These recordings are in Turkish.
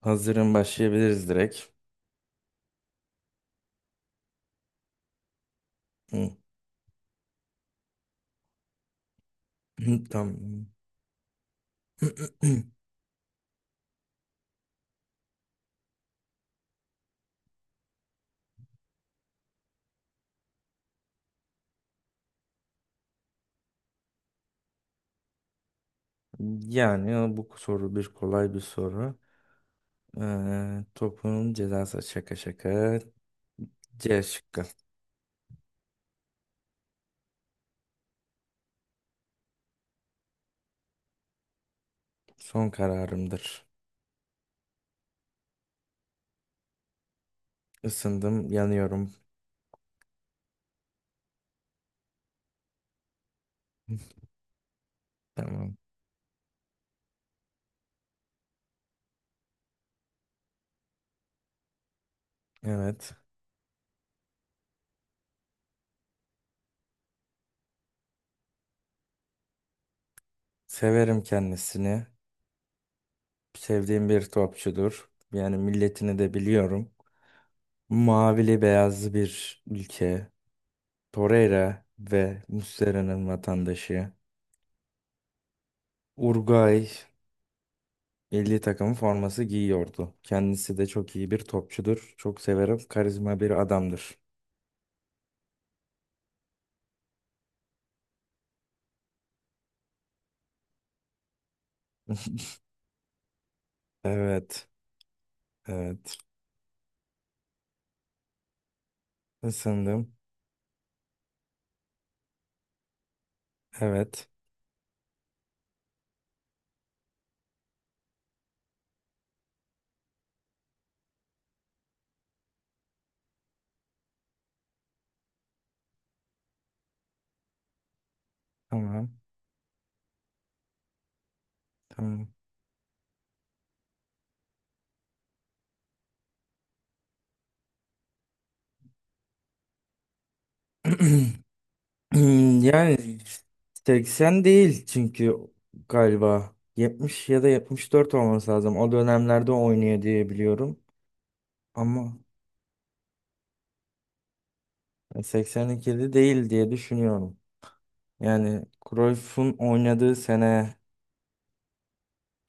Hazırım başlayabiliriz direkt. Hı, hı. Yani bu soru bir kolay bir soru. Topun cezası şaka şaka. C şıkkı. Son kararımdır. Isındım, yanıyorum. Tamam. Evet. Severim kendisini. Sevdiğim bir topçudur. Yani milletini de biliyorum. Mavili beyazlı bir ülke. Torreira ve Muslera'nın vatandaşı. Uruguay milli takımın forması giyiyordu. Kendisi de çok iyi bir topçudur. Çok severim. Karizma bir adamdır. Evet. Evet. Isındım. Evet. Tamam. Tamam. Yani 80 değil, çünkü galiba 70 ya da 74 olması lazım. O dönemlerde oynuyor diye biliyorum. Ama 82'de değil diye düşünüyorum. Yani Cruyff'un oynadığı sene,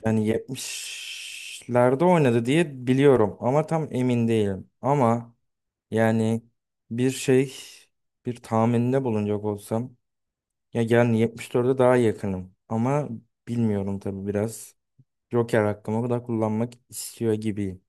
yani 70'lerde oynadı diye biliyorum ama tam emin değilim. Ama yani bir şey, bir tahminde bulunacak olsam ya yani 74'e daha yakınım ama bilmiyorum tabii biraz. Joker hakkımı da kullanmak istiyor gibiyim.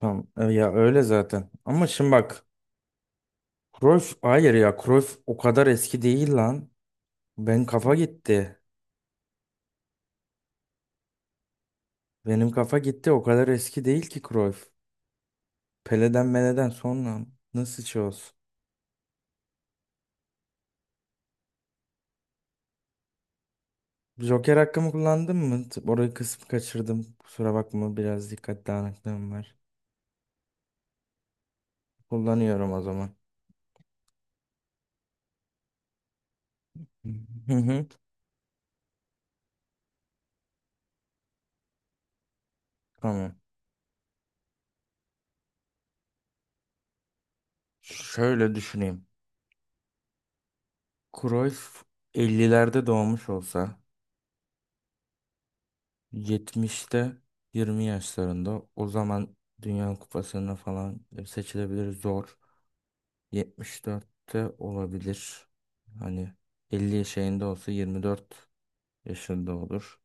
Tamam, e, ya öyle zaten. Ama şimdi bak, Cruyff, hayır ya, Cruyff o kadar eski değil lan. Ben kafa gitti. Benim kafa gitti, o kadar eski değil ki Cruyff. Pele'den Mele'den sonra nasıl şey olsun? Joker hakkımı kullandım mı? Orayı kısmı kaçırdım. Kusura bakma, biraz dikkat dağınıklığım var. Kullanıyorum o zaman. Hı hı. Tamam. Şöyle düşüneyim. Cruyff 50'lerde doğmuş olsa, 70'te 20 yaşlarında, o zaman Dünya Kupası'na falan seçilebilir zor. 74'te olabilir. Hani 50 şeyinde olsa 24 yaşında olur.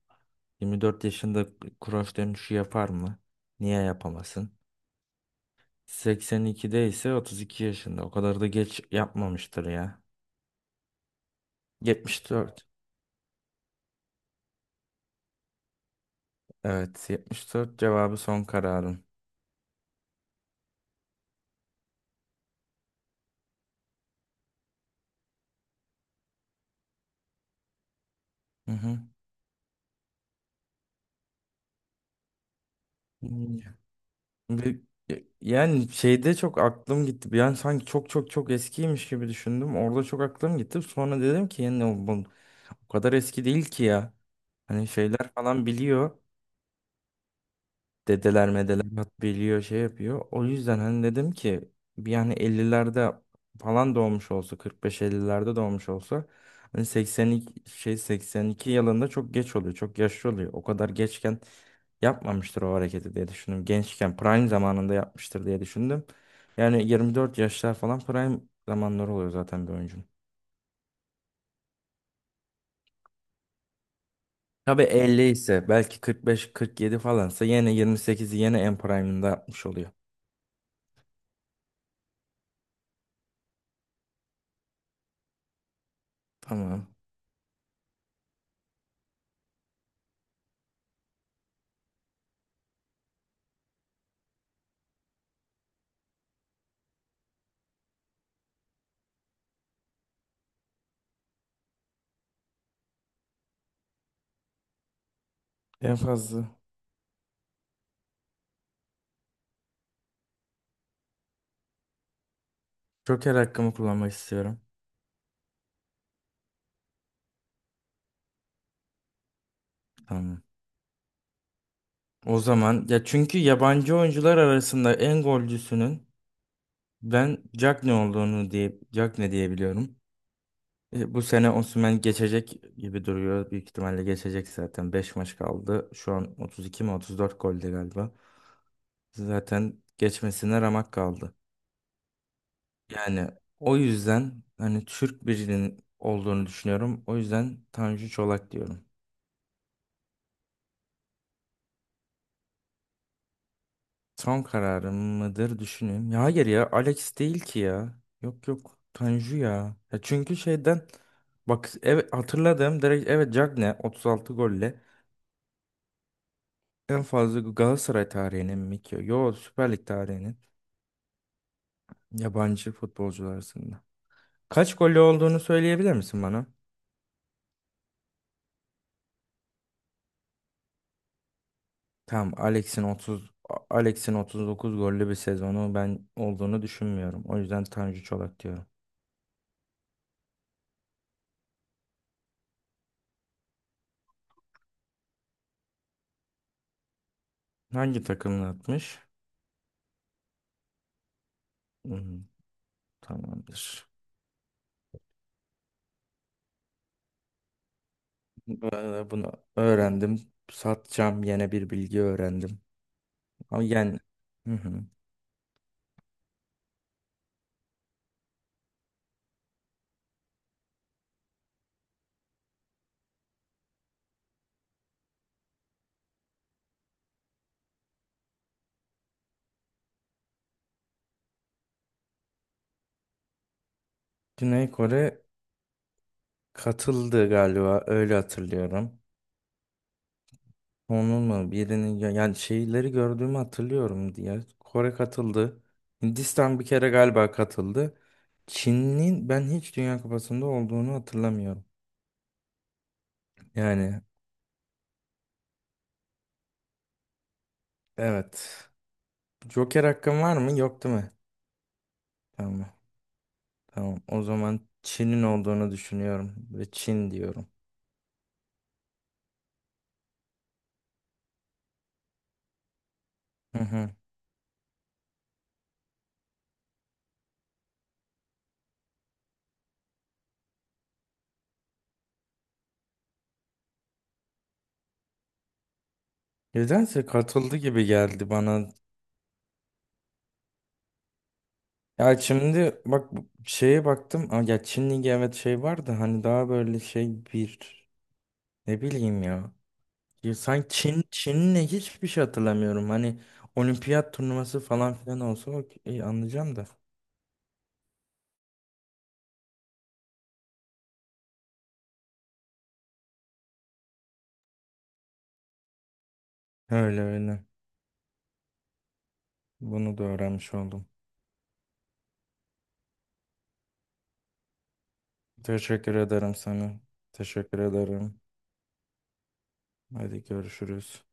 24 yaşında cross dönüşü yapar mı? Niye yapamasın? 82'de ise 32 yaşında. O kadar da geç yapmamıştır ya. Yetmiş dört. Evet, 74 cevabı son kararım. Hı hı. Hmm. Bir- Yani şeyde çok aklım gitti. Yani sanki çok çok çok eskiymiş gibi düşündüm. Orada çok aklım gitti. Sonra dedim ki yani bu o kadar eski değil ki ya. Hani şeyler falan biliyor. Dedeler medeler hat biliyor, şey yapıyor. O yüzden hani dedim ki bir, yani 50'lerde falan doğmuş olsa, 45-50'lerde doğmuş olsa, hani 82 şey 82 yılında çok geç oluyor. Çok yaşlı oluyor. O kadar geçken yapmamıştır o hareketi diye düşündüm. Gençken prime zamanında yapmıştır diye düşündüm. Yani 24 yaşlar falan prime zamanları oluyor zaten bir oyuncunun. Tabii 50 ise, belki kırk beş kırk yedi falansa yine 28'i yine en prime'ında yapmış oluyor. Tamam. En fazla. Joker hakkımı kullanmak istiyorum. Tamam. O zaman ya çünkü yabancı oyuncular arasında en golcüsünün ben Jack ne olduğunu diye Jack ne diyebiliyorum. E, bu sene Osimhen geçecek gibi duruyor. Büyük ihtimalle geçecek zaten. Beş maç kaldı. Şu an 32 mi 34 golde galiba. Zaten geçmesine ramak kaldı. Yani o yüzden hani Türk birinin olduğunu düşünüyorum. O yüzden Tanju Çolak diyorum. Son kararım mıdır, düşüneyim. Ya hayır, ya Alex değil ki ya. Yok yok, Tanju ya. Ya çünkü şeyden, bak, evet, hatırladım direkt, evet, Cagne 36 golle en fazla Galatasaray tarihinin mi ki? Yo, Süper Lig tarihinin yabancı futbolcular arasında. Kaç golü olduğunu söyleyebilir misin bana? Tamam, Alex'in 30 Alex'in 39 gollü bir sezonu ben olduğunu düşünmüyorum. O yüzden Tanju Çolak diyorum. Hangi takımla atmış? Hmm, tamamdır. Bunu öğrendim. Satacağım, yine bir bilgi öğrendim. Ama yani hı hı. Güney Kore katıldı galiba, öyle hatırlıyorum. Onun mu birinin yani şeyleri gördüğümü hatırlıyorum diye. Kore katıldı. Hindistan bir kere galiba katıldı. Çin'in ben hiç Dünya Kupası'nda olduğunu hatırlamıyorum. Yani evet. Joker hakkım var mı? Yok, değil mi? Tamam. Tamam. O zaman Çin'in olduğunu düşünüyorum ve Çin diyorum. Hı hı. Nedense katıldı gibi geldi bana. Ya şimdi bak, bu şeye baktım. Aa, ya Çin Ligi, evet, şey vardı hani, daha böyle şey bir, ne bileyim ya. Ya sanki Çin'le hiçbir şey hatırlamıyorum. Hani olimpiyat turnuvası falan filan olsa okey, anlayacağım da. Öyle öyle. Bunu da öğrenmiş oldum. Teşekkür ederim sana. Teşekkür ederim. Hadi görüşürüz.